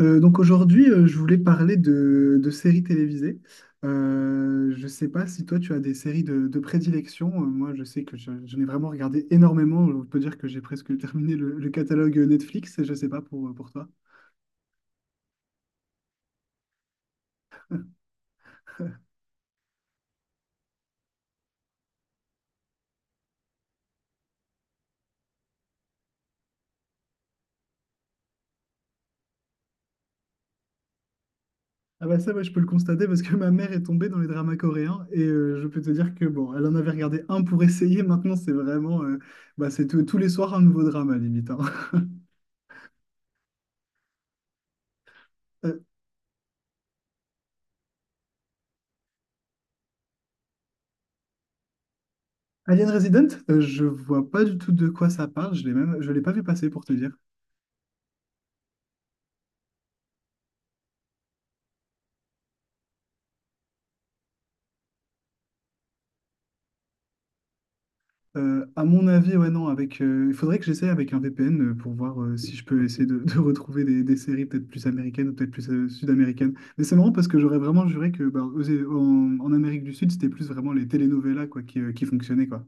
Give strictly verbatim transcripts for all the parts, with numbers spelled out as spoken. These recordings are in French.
Euh, donc aujourd'hui, euh, je voulais parler de, de séries télévisées. Euh, je ne sais pas si toi, tu as des séries de, de prédilection. Euh, moi, je sais que je- j'en ai vraiment regardé énormément. On peut dire que j'ai presque terminé le, le catalogue Netflix. Et je ne sais pas pour, pour toi. Ah bah ça, ouais, je peux le constater parce que ma mère est tombée dans les dramas coréens et euh, je peux te dire que bon, elle en avait regardé un pour essayer. Maintenant, c'est vraiment, euh, bah, c'est tous tous les soirs un nouveau drama limite, hein. Euh, Alien Resident, euh, je vois pas du tout de quoi ça parle. Je l'ai même, je l'ai pas vu passer pour te dire. Euh, à mon avis, ouais, non, avec, euh, il faudrait que j'essaie avec un V P N euh, pour voir euh, si je peux essayer de, de retrouver des, des séries peut-être plus américaines ou peut-être plus euh, sud-américaines. Mais c'est marrant parce que j'aurais vraiment juré que bah, aux- en, en Amérique du Sud, c'était plus vraiment les telenovelas quoi, qui, euh, qui fonctionnaient, quoi.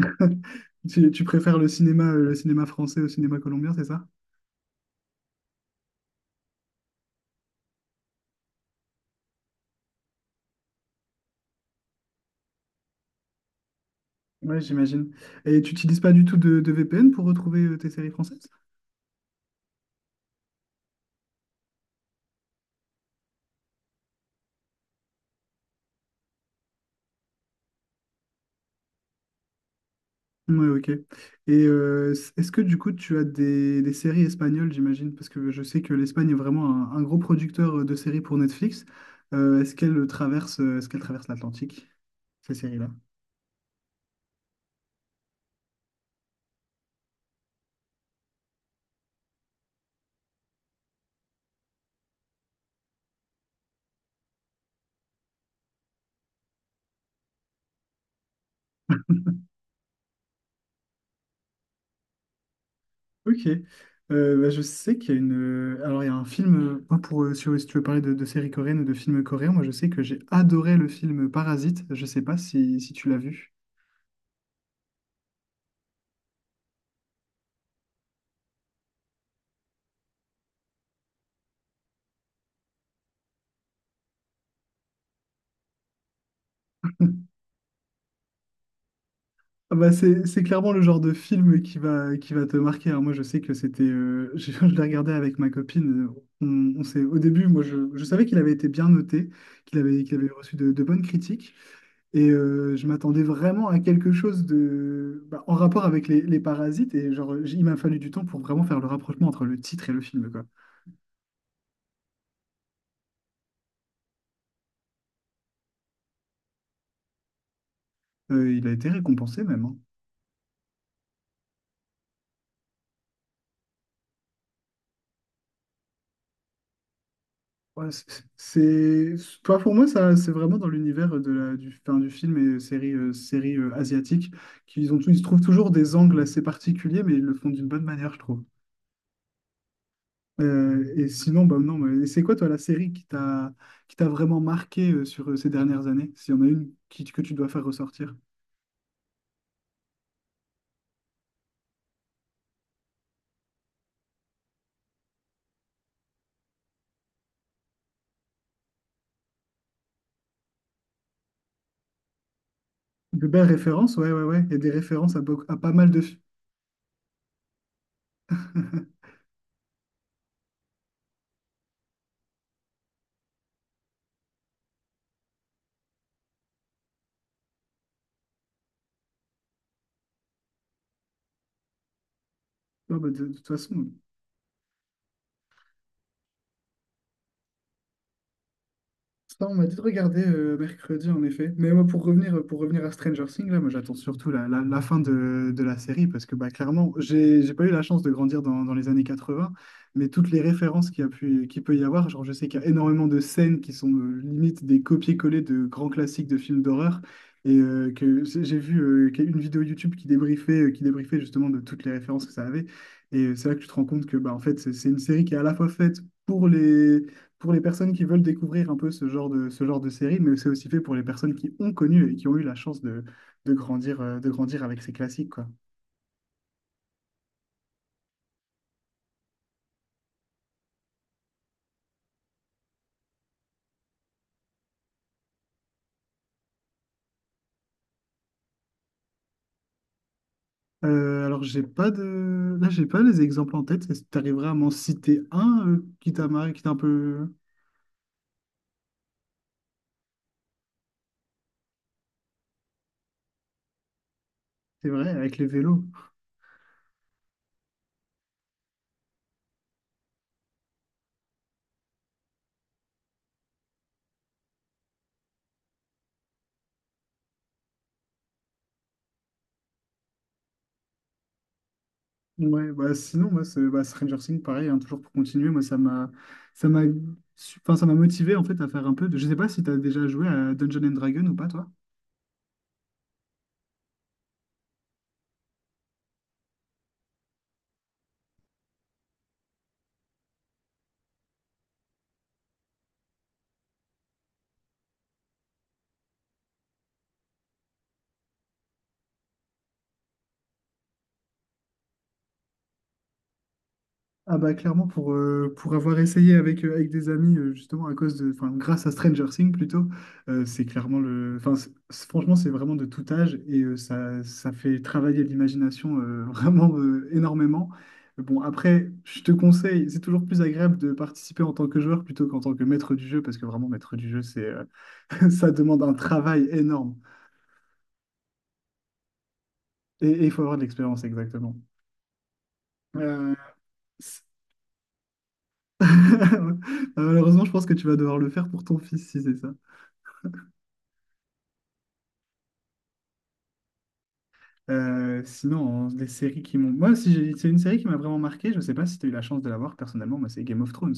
Tu, tu préfères le cinéma, euh, le cinéma français au cinéma colombien, c'est ça? Ouais, j'imagine. Et tu n'utilises pas du tout de, de V P N pour retrouver euh, tes séries françaises? Ouais, ok. Et euh, s- est-ce que du coup tu as des, des séries espagnoles, j'imagine? Parce que je sais que l'Espagne est vraiment un, un gros producteur de séries pour Netflix. Euh, est-ce qu'elle traverse, est-ce qu'elle traverse l'Atlantique, ces séries-là? Ok. Euh, bah, je sais qu'il y a une. Alors, il y a un film, euh, pas pour, euh, si, si tu veux parler de, de séries coréennes ou de films coréens, moi je sais que j'ai adoré le film Parasite. Je sais pas si, si tu l'as vu. Ah bah c'est c'est clairement le genre de film qui va, qui va te marquer. Alors moi, je sais que c'était, euh, j'ai- je l'ai regardé avec ma copine. euh, On, on s'est, au début, moi, je, je savais qu'il avait été bien noté, qu'il avait, qu'il avait reçu de, de bonnes critiques. Et euh, je m'attendais vraiment à quelque chose de, bah, en rapport avec les, les parasites. Et genre, j- il m'a fallu du temps pour vraiment faire le rapprochement entre le titre et le film, quoi. Euh, il a été récompensé même, hein. Ouais, c- c'est toi pour moi ça c'est vraiment dans l'univers de la du enfin, du film et série euh, série euh, asiatique qu'ils ont tous- ils trouvent toujours des angles assez particuliers mais ils le font d'une bonne manière je trouve. Euh, et sinon bah non mais c'est quoi toi la série qui t'a qui t'a vraiment marqué euh, sur euh, ces dernières années s'il y en a une qui, que tu dois faire ressortir. De belles références ouais ouais ouais et des références à, beau- à pas mal de films. Ouais, bah, de, de toute façon. Ça, on m'a dit de regarder euh, mercredi, en effet. Mais moi, pour revenir, euh, pour revenir à Stranger Things, là, moi, j'attends surtout la, la- la fin de, de la série parce que, bah, clairement, j'ai, j'ai pas eu la chance de grandir dans, dans les années quatre-vingts, mais toutes les références qu'il y a pu, qu'il peut y avoir, genre, je sais qu'il y a énormément de scènes qui sont euh, limite des copier-coller de grands classiques de films d'horreur et euh, que c'est- j'ai vu euh, qu'il y a une vidéo YouTube qui débriefait, euh, qui débriefait justement de toutes les références que ça avait. Et euh, c'est là que tu te rends compte que, bah, en fait, c'est c'est une série qui est à la fois faite pour les pour les personnes qui veulent découvrir un peu ce genre de, ce genre de série, mais c'est aussi fait pour les personnes qui ont connu et qui ont eu la chance de, de grandir, euh, de grandir avec ces classiques, quoi. Euh, alors, j'ai pas de... Là, j'ai pas les exemples en tête. Est-ce que tu arriveras à m'en citer un euh, qui t'a marqué, qui t'a un peu... C'est vrai, avec les vélos. Ouais, bah sinon, moi, c'est- bah, Stranger Things, pareil, hein, toujours pour continuer, moi, ça m'a ça m'a su- enfin, ça m'a motivé, en fait, à faire un peu de... Je sais pas si t'as déjà joué à Dungeons and Dragons ou pas, toi? Ah bah clairement pour, euh, pour avoir essayé avec, euh, avec des amis euh, justement à cause de enfin grâce à Stranger Things plutôt euh, c'est clairement le enfin c'est- c'est- franchement c'est vraiment de tout âge et euh, ça, ça fait travailler l'imagination euh, vraiment euh, énormément. Bon après je te conseille c'est toujours plus agréable de participer en tant que joueur plutôt qu'en tant que maître du jeu parce que vraiment maître du jeu c'est euh, ça demande un travail énorme et et il faut avoir de l'expérience exactement. Euh, malheureusement je pense que tu vas devoir le faire pour ton fils si c'est ça. Euh, sinon, hein, les séries qui m'ont... Moi, si j'ai- c'est une série qui m'a vraiment marqué, je ne sais pas si tu as eu la chance de la voir personnellement, moi, c'est Game of Thrones.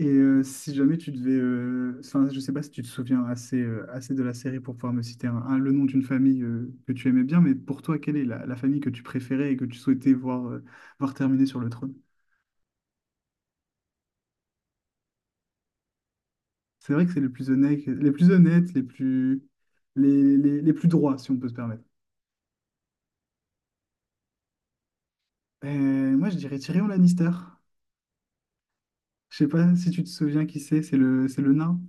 Et euh, si jamais tu devais... euh, Enfin, je ne sais pas si tu te souviens assez, euh, assez de la série pour pouvoir me citer un, un- le nom d'une famille euh, que tu aimais bien, mais pour toi, quelle est la, la famille que tu préférais et que tu souhaitais voir, euh, voir terminer sur le trône? C'est vrai que c'est les plus honnêtes, les plus honnêtes, les plus... Les, les, les plus droits, si on peut se permettre. Euh, moi, je dirais Tyrion Lannister. Je sais pas si tu te souviens qui c'est, c'est le, c'est le nain.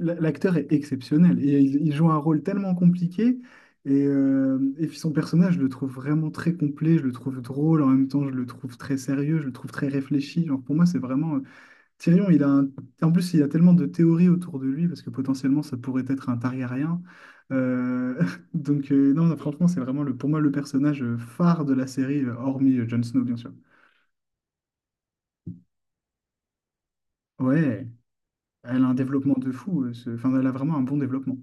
l- L'acteur est exceptionnel et il, il joue un rôle tellement compliqué. Et, euh, et puis son personnage, je le trouve vraiment très complet, je le trouve drôle, en même temps je le trouve très sérieux, je le trouve très réfléchi. Genre pour moi, c'est vraiment... euh, Tyrion, il a un- en plus, il y a tellement de théories autour de lui, parce que potentiellement, ça pourrait être un Targaryen. Euh, donc euh, non, non, franchement, c'est vraiment le, pour moi le personnage euh, phare de la série, euh, hormis euh, Jon Snow, bien sûr. Ouais, elle a un développement de fou, euh, ce- enfin, elle a vraiment un bon développement.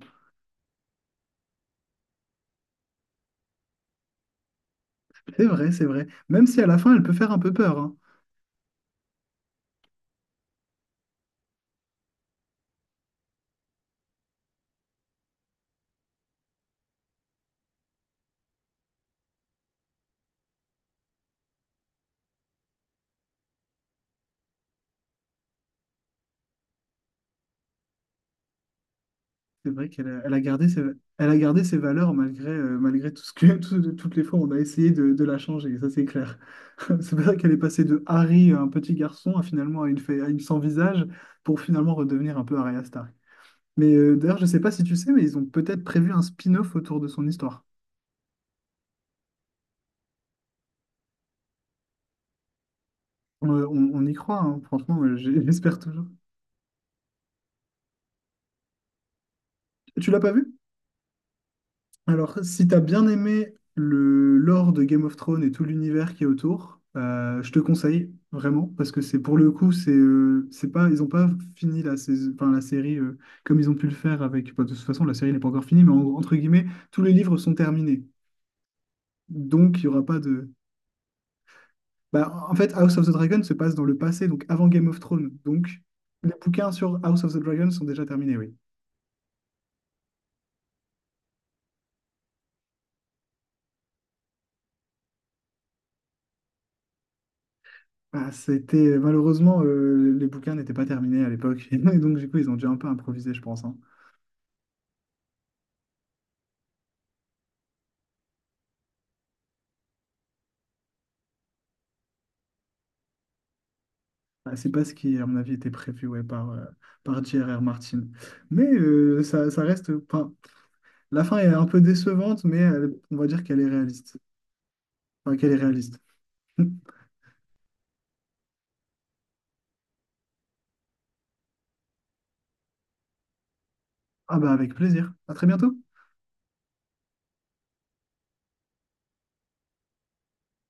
C'est vrai, c'est vrai. Même si à la fin, elle peut faire un peu peur, hein. C'est vrai qu'elle a, elle a gardé ses, elle a gardé ses valeurs malgré, euh, malgré tout ce que, tout- toutes les fois où on a essayé de, de la changer. Ça, c'est clair. C'est vrai qu'elle est passée de Harry, euh, un petit garçon, à finalement à une, fée- à une sans visage, pour finalement redevenir un peu Arya Stark. Mais euh, d'ailleurs, je sais pas si tu sais, mais ils ont peut-être prévu un spin-off autour de son histoire. Euh, on, on y croit, hein. Franchement, euh, j'ai- j'espère toujours. Tu l'as pas vu? Alors, si t'as bien aimé le lore de Game of Thrones et tout l'univers qui est autour, euh, je te conseille vraiment parce que c'est pour le coup, c'est euh, c'est pas, ils ont pas fini la saison, enfin, la série euh, comme ils ont pu le faire avec, bah, de toute façon, la série n'est pas encore finie, mais en- entre guillemets, tous les livres sont terminés, donc il y aura pas de. Bah, en fait, House of the Dragon se passe dans le passé, donc avant Game of Thrones, donc les bouquins sur House of the Dragon sont déjà terminés, oui. Ah, c'était euh, malheureusement euh, les bouquins n'étaient pas terminés à l'époque et donc du coup ils ont dû un peu improviser je pense hein. Ah, c'est pas ce qui à mon avis était prévu ouais, par euh, par J R R. Martin mais euh, ça, ça reste enfin la fin est un peu décevante mais elle- on va dire qu'elle est réaliste enfin qu'elle est réaliste ah bah avec plaisir à très bientôt